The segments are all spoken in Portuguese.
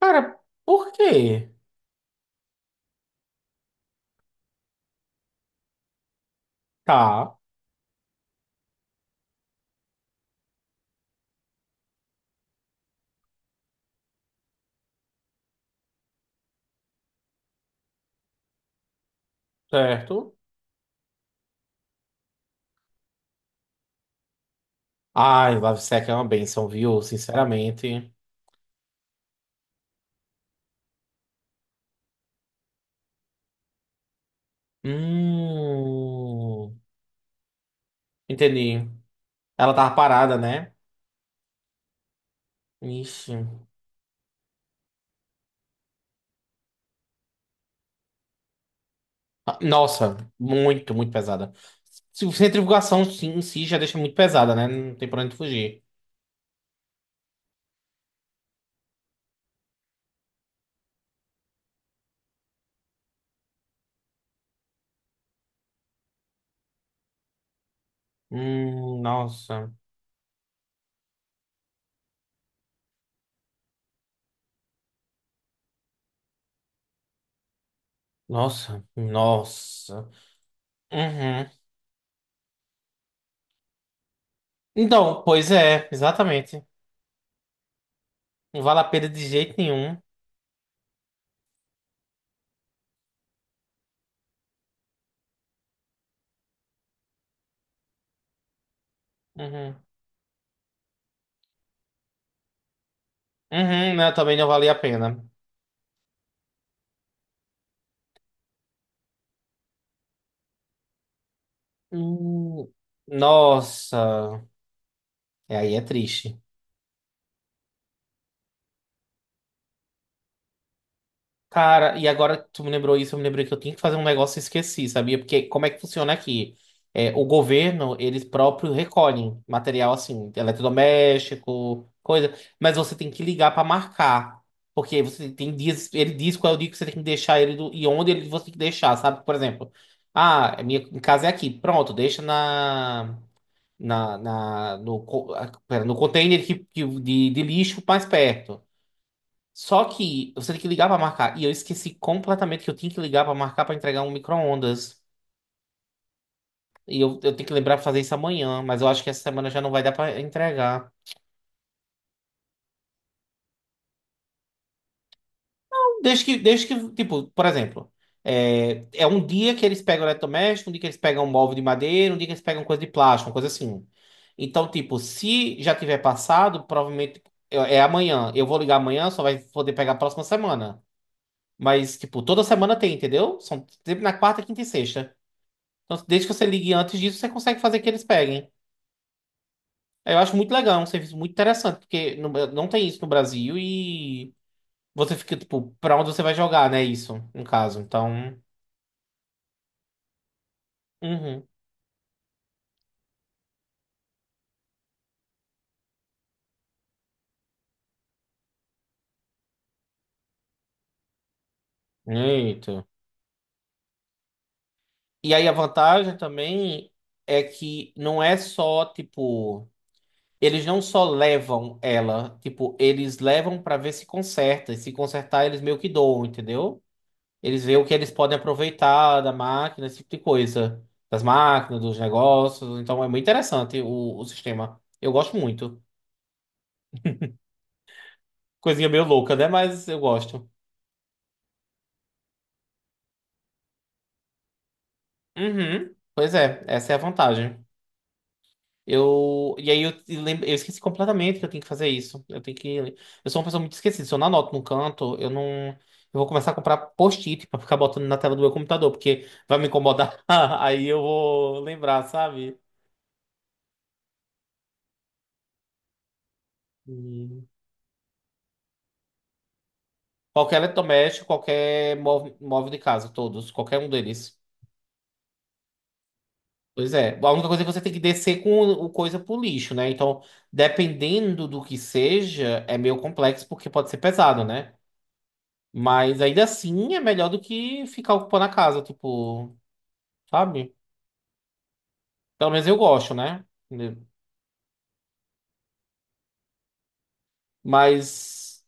Cara, por quê? Tá, certo. Ai, LiveSec é uma benção, viu? Sinceramente. Hum. Entendi. Ela tava parada, né? Ixi. Ah, nossa, muito, muito pesada. Centrifugação sim, em si já deixa muito pesada, né? Não tem pra onde fugir. Nossa. Nossa, nossa. Uhum. Então, pois é, exatamente. Não vale a pena de jeito nenhum. Uhum. Uhum, né? Também não valia a pena. Hum, nossa, é, aí é triste. Cara, e agora que tu me lembrou isso, eu me lembrei que eu tinha que fazer um negócio e esqueci, sabia? Porque como é que funciona aqui? É, o governo, eles próprios recolhem material assim, eletrodoméstico, coisa, mas você tem que ligar pra marcar. Porque você tem dias, ele diz qual é o dia que você tem que deixar ele e onde ele você tem que deixar, sabe? Por exemplo, ah, minha casa é aqui, pronto, deixa na. Pera, no container de lixo mais perto. Só que você tem que ligar para marcar. E eu esqueci completamente que eu tinha que ligar para marcar para entregar um micro-ondas. E eu tenho que lembrar para fazer isso amanhã, mas eu acho que essa semana já não vai dar para entregar. Desde que, tipo, por exemplo, é um dia que eles pegam eletrodoméstico, um dia que eles pegam um móvel de madeira, um dia que eles pegam coisa de plástico, uma coisa assim. Então, tipo, se já tiver passado, provavelmente é amanhã. Eu vou ligar amanhã, só vai poder pegar a próxima semana. Mas, tipo, toda semana tem, entendeu? São sempre na quarta, quinta e sexta. Então, desde que você ligue antes disso, você consegue fazer que eles peguem. Eu acho muito legal, é um serviço muito interessante, porque não tem isso no Brasil e você fica, tipo, pra onde você vai jogar, né? Isso, no caso. Então. Uhum. Eita. E aí a vantagem também é que não é só, tipo. Eles não só levam ela, tipo, eles levam pra ver se conserta. E se consertar, eles meio que doam, entendeu? Eles veem o que eles podem aproveitar da máquina, esse tipo de coisa. Das máquinas, dos negócios. Então é muito interessante o sistema. Eu gosto muito. Coisinha meio louca, né? Mas eu gosto. Uhum. Pois é, essa é a vantagem. Eu, e aí eu, te lem- Eu esqueci completamente que eu tenho que fazer isso. Eu tenho que. Eu sou uma pessoa muito esquecida. Se eu não anoto num canto, eu não. Eu vou começar a comprar post-it pra ficar botando na tela do meu computador, porque vai me incomodar. Aí eu vou lembrar, sabe? Qualquer eletrodoméstico, qualquer móvel de casa, todos, qualquer um deles. Pois é. A única coisa é que você tem que descer com o coisa pro lixo, né? Então, dependendo do que seja, é meio complexo porque pode ser pesado, né? Mas ainda assim é melhor do que ficar ocupando a casa, tipo, sabe? Pelo menos eu gosto, né? Né? Mas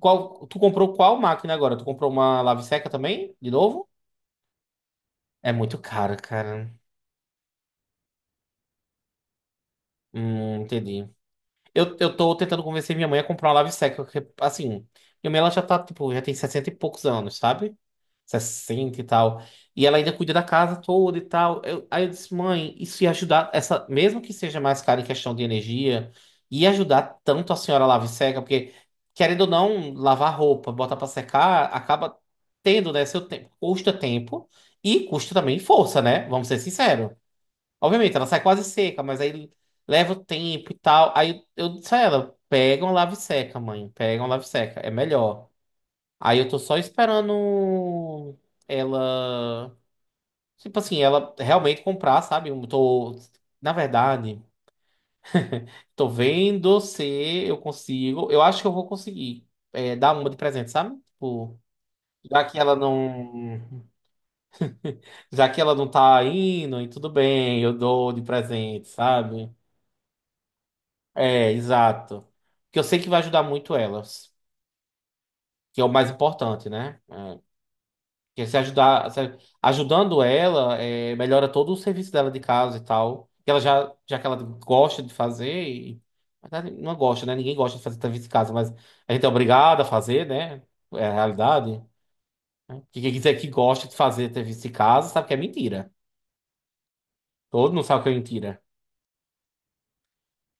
tu comprou qual máquina agora? Tu comprou uma lave seca também? De novo? É muito caro, cara. Entendi. Eu tô tentando convencer minha mãe a comprar uma Lave-Seca, porque, assim, minha mãe ela já tá, tipo, já tem 60 e poucos anos, sabe? Sessenta e tal. E ela ainda cuida da casa toda e tal. Aí eu disse, mãe, isso ia ajudar, essa, mesmo que seja mais caro em questão de energia, ia ajudar tanto a senhora Lave-Seca, porque, querendo ou não, lavar roupa, botar pra secar, acaba tendo, né, seu tempo. Custa tempo e custa também força, né? Vamos ser sinceros. Obviamente, ela sai quase seca, mas aí leva o tempo e tal. Aí eu disse a ela: pega um lave seca, mãe. Pega um lave seca. É melhor. Aí eu tô só esperando ela. Tipo assim, ela realmente comprar, sabe? Eu tô. Na verdade, tô vendo se eu consigo. Eu acho que eu vou conseguir dar uma de presente, sabe? Tipo, já que ela não. Já que ela não tá indo, e tudo bem, eu dou de presente, sabe? É, exato. Que eu sei que vai ajudar muito elas, que é o mais importante, né? É, que se ajudar, ajudando ela, melhora todo o serviço dela de casa e tal. Que ela já que ela gosta de fazer, e, na verdade, não gosta, né? Ninguém gosta de fazer serviço de casa, mas a gente é obrigado a fazer, né? É a realidade. Né? Que quem quiser que gosta de fazer serviço de casa sabe que é mentira. Todo mundo sabe que é mentira.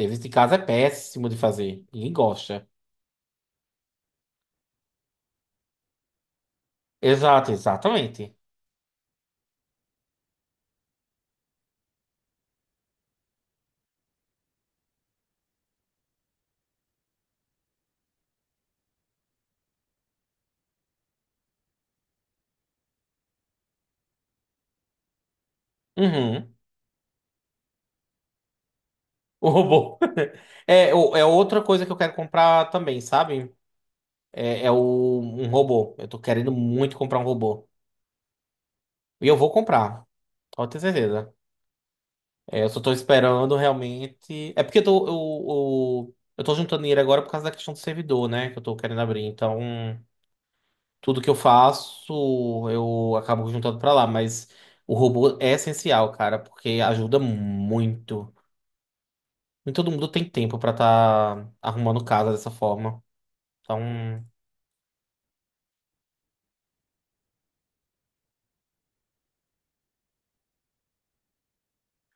Serviço de casa é péssimo de fazer. Ninguém gosta. Exato, exatamente. Uhum. O robô. É, é outra coisa que eu quero comprar também, sabe? Um robô. Eu tô querendo muito comprar um robô. E eu vou comprar, pode ter certeza. É, eu só tô esperando realmente. É porque eu tô juntando dinheiro agora por causa da questão do servidor, né? Que eu tô querendo abrir. Então, tudo que eu faço, eu acabo juntando pra lá. Mas o robô é essencial, cara, porque ajuda muito. Nem todo mundo tem tempo pra tá arrumando casa dessa forma. Então.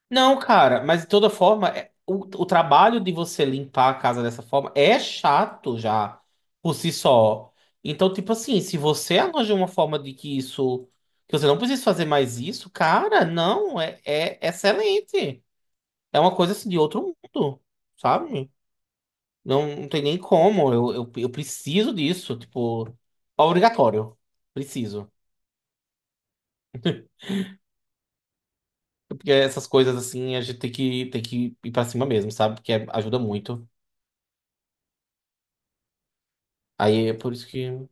Não, cara, mas de toda forma, o trabalho de você limpar a casa dessa forma é chato já, por si só. Então, tipo assim, se você arranja uma forma de que isso, que você não precisa fazer mais isso, cara, não, é excelente. É uma coisa assim de outro mundo, sabe? Não, não tem nem como, eu preciso disso, tipo, obrigatório, preciso. Porque essas coisas assim, a gente tem que ir pra cima mesmo, sabe? Porque ajuda muito. Aí é por isso que.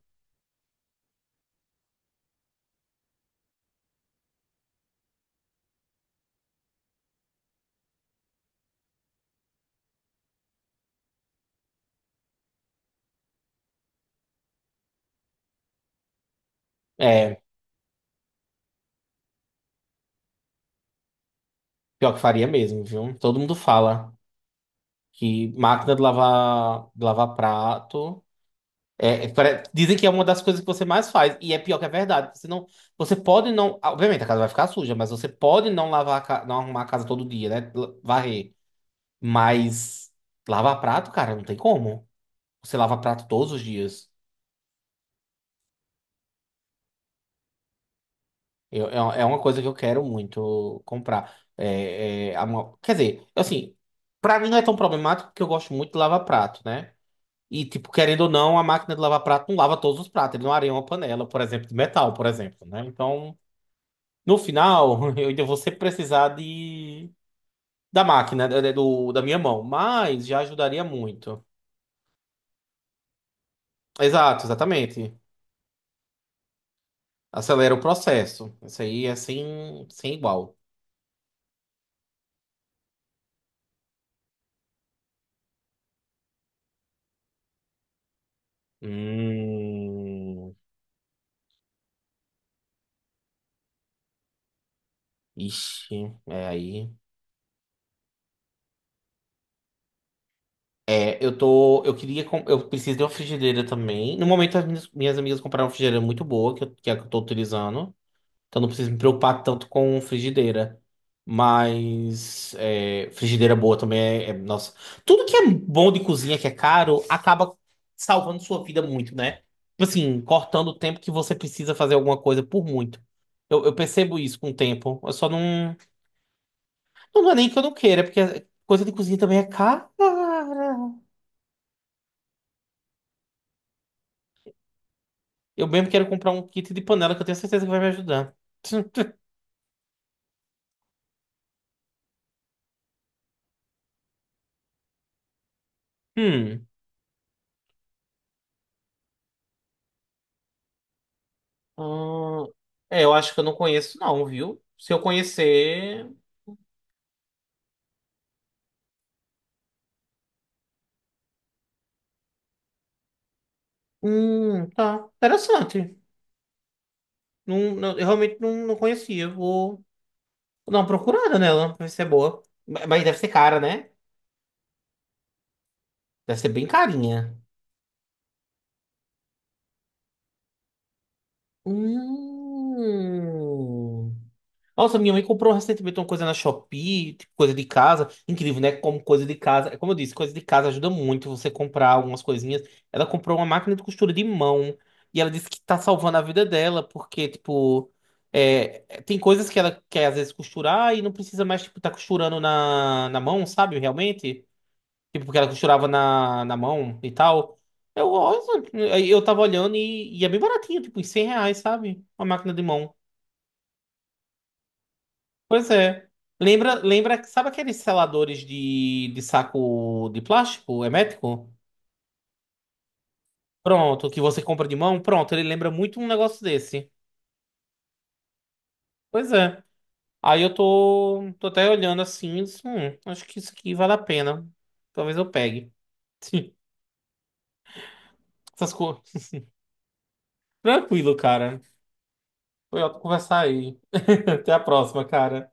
É, pior que faria mesmo, viu? Todo mundo fala que máquina de lavar prato. Dizem que é uma das coisas que você mais faz. E é pior que é verdade. Você pode não. Obviamente, a casa vai ficar suja, mas você pode não lavar, não arrumar a casa todo dia, né? Varrer. Mas lavar prato, cara, não tem como. Você lava prato todos os dias. É uma coisa que eu quero muito comprar. Quer dizer, assim, pra mim não é tão problemático porque eu gosto muito de lavar prato, né? E, tipo, querendo ou não, a máquina de lavar prato não lava todos os pratos. Ele não areia uma panela, por exemplo, de metal, por exemplo, né? Então, no final, eu ainda vou sempre precisar de... da máquina, da minha mão. Mas já ajudaria muito. Exato, exatamente. Acelera o processo. Isso aí é sem igual. Hum... Ixi, é aí. É, eu tô. Eu queria. Eu preciso de uma frigideira também. No momento, as minhas amigas compraram uma frigideira muito boa, que, que é a que eu tô utilizando. Então não preciso me preocupar tanto com frigideira. Mas é, frigideira boa também é. Nossa. Tudo que é bom de cozinha, que é caro, acaba salvando sua vida muito, né? Tipo assim, cortando o tempo que você precisa fazer alguma coisa por muito. Eu percebo isso com o tempo. Eu só não. Não, não é nem que eu não queira, porque coisa de cozinha também é cara. Eu mesmo quero comprar um kit de panela que eu tenho certeza que vai me ajudar. Hum. Hum, eu acho que eu não conheço, não, viu? Se eu conhecer. Tá. Interessante. Não, eu realmente não conhecia. Vou dar uma procurada nela pra ver se é boa. Mas deve ser cara, né? Deve ser bem carinha. Hum. Nossa, minha mãe comprou recentemente uma coisa na Shopee, tipo, coisa de casa. Incrível, né? Como coisa de casa. Como eu disse, coisa de casa ajuda muito você comprar algumas coisinhas. Ela comprou uma máquina de costura de mão. E ela disse que tá salvando a vida dela, porque, tipo, tem coisas que ela quer às vezes costurar e não precisa mais, tipo, tá costurando na mão, sabe? Realmente. Tipo, porque ela costurava na mão e tal. Eu, eu tava olhando e é bem baratinho, tipo, em R$ 100, sabe? Uma máquina de mão. Pois é. Lembra, lembra, sabe aqueles seladores de saco de plástico hermético? Pronto, que você compra de mão? Pronto, ele lembra muito um negócio desse. Pois é. Aí eu tô até olhando assim, e disse, acho que isso aqui vale a pena. Talvez eu pegue. Essas coisas. Tranquilo, cara. Foi ótimo conversar aí. Até a próxima, cara.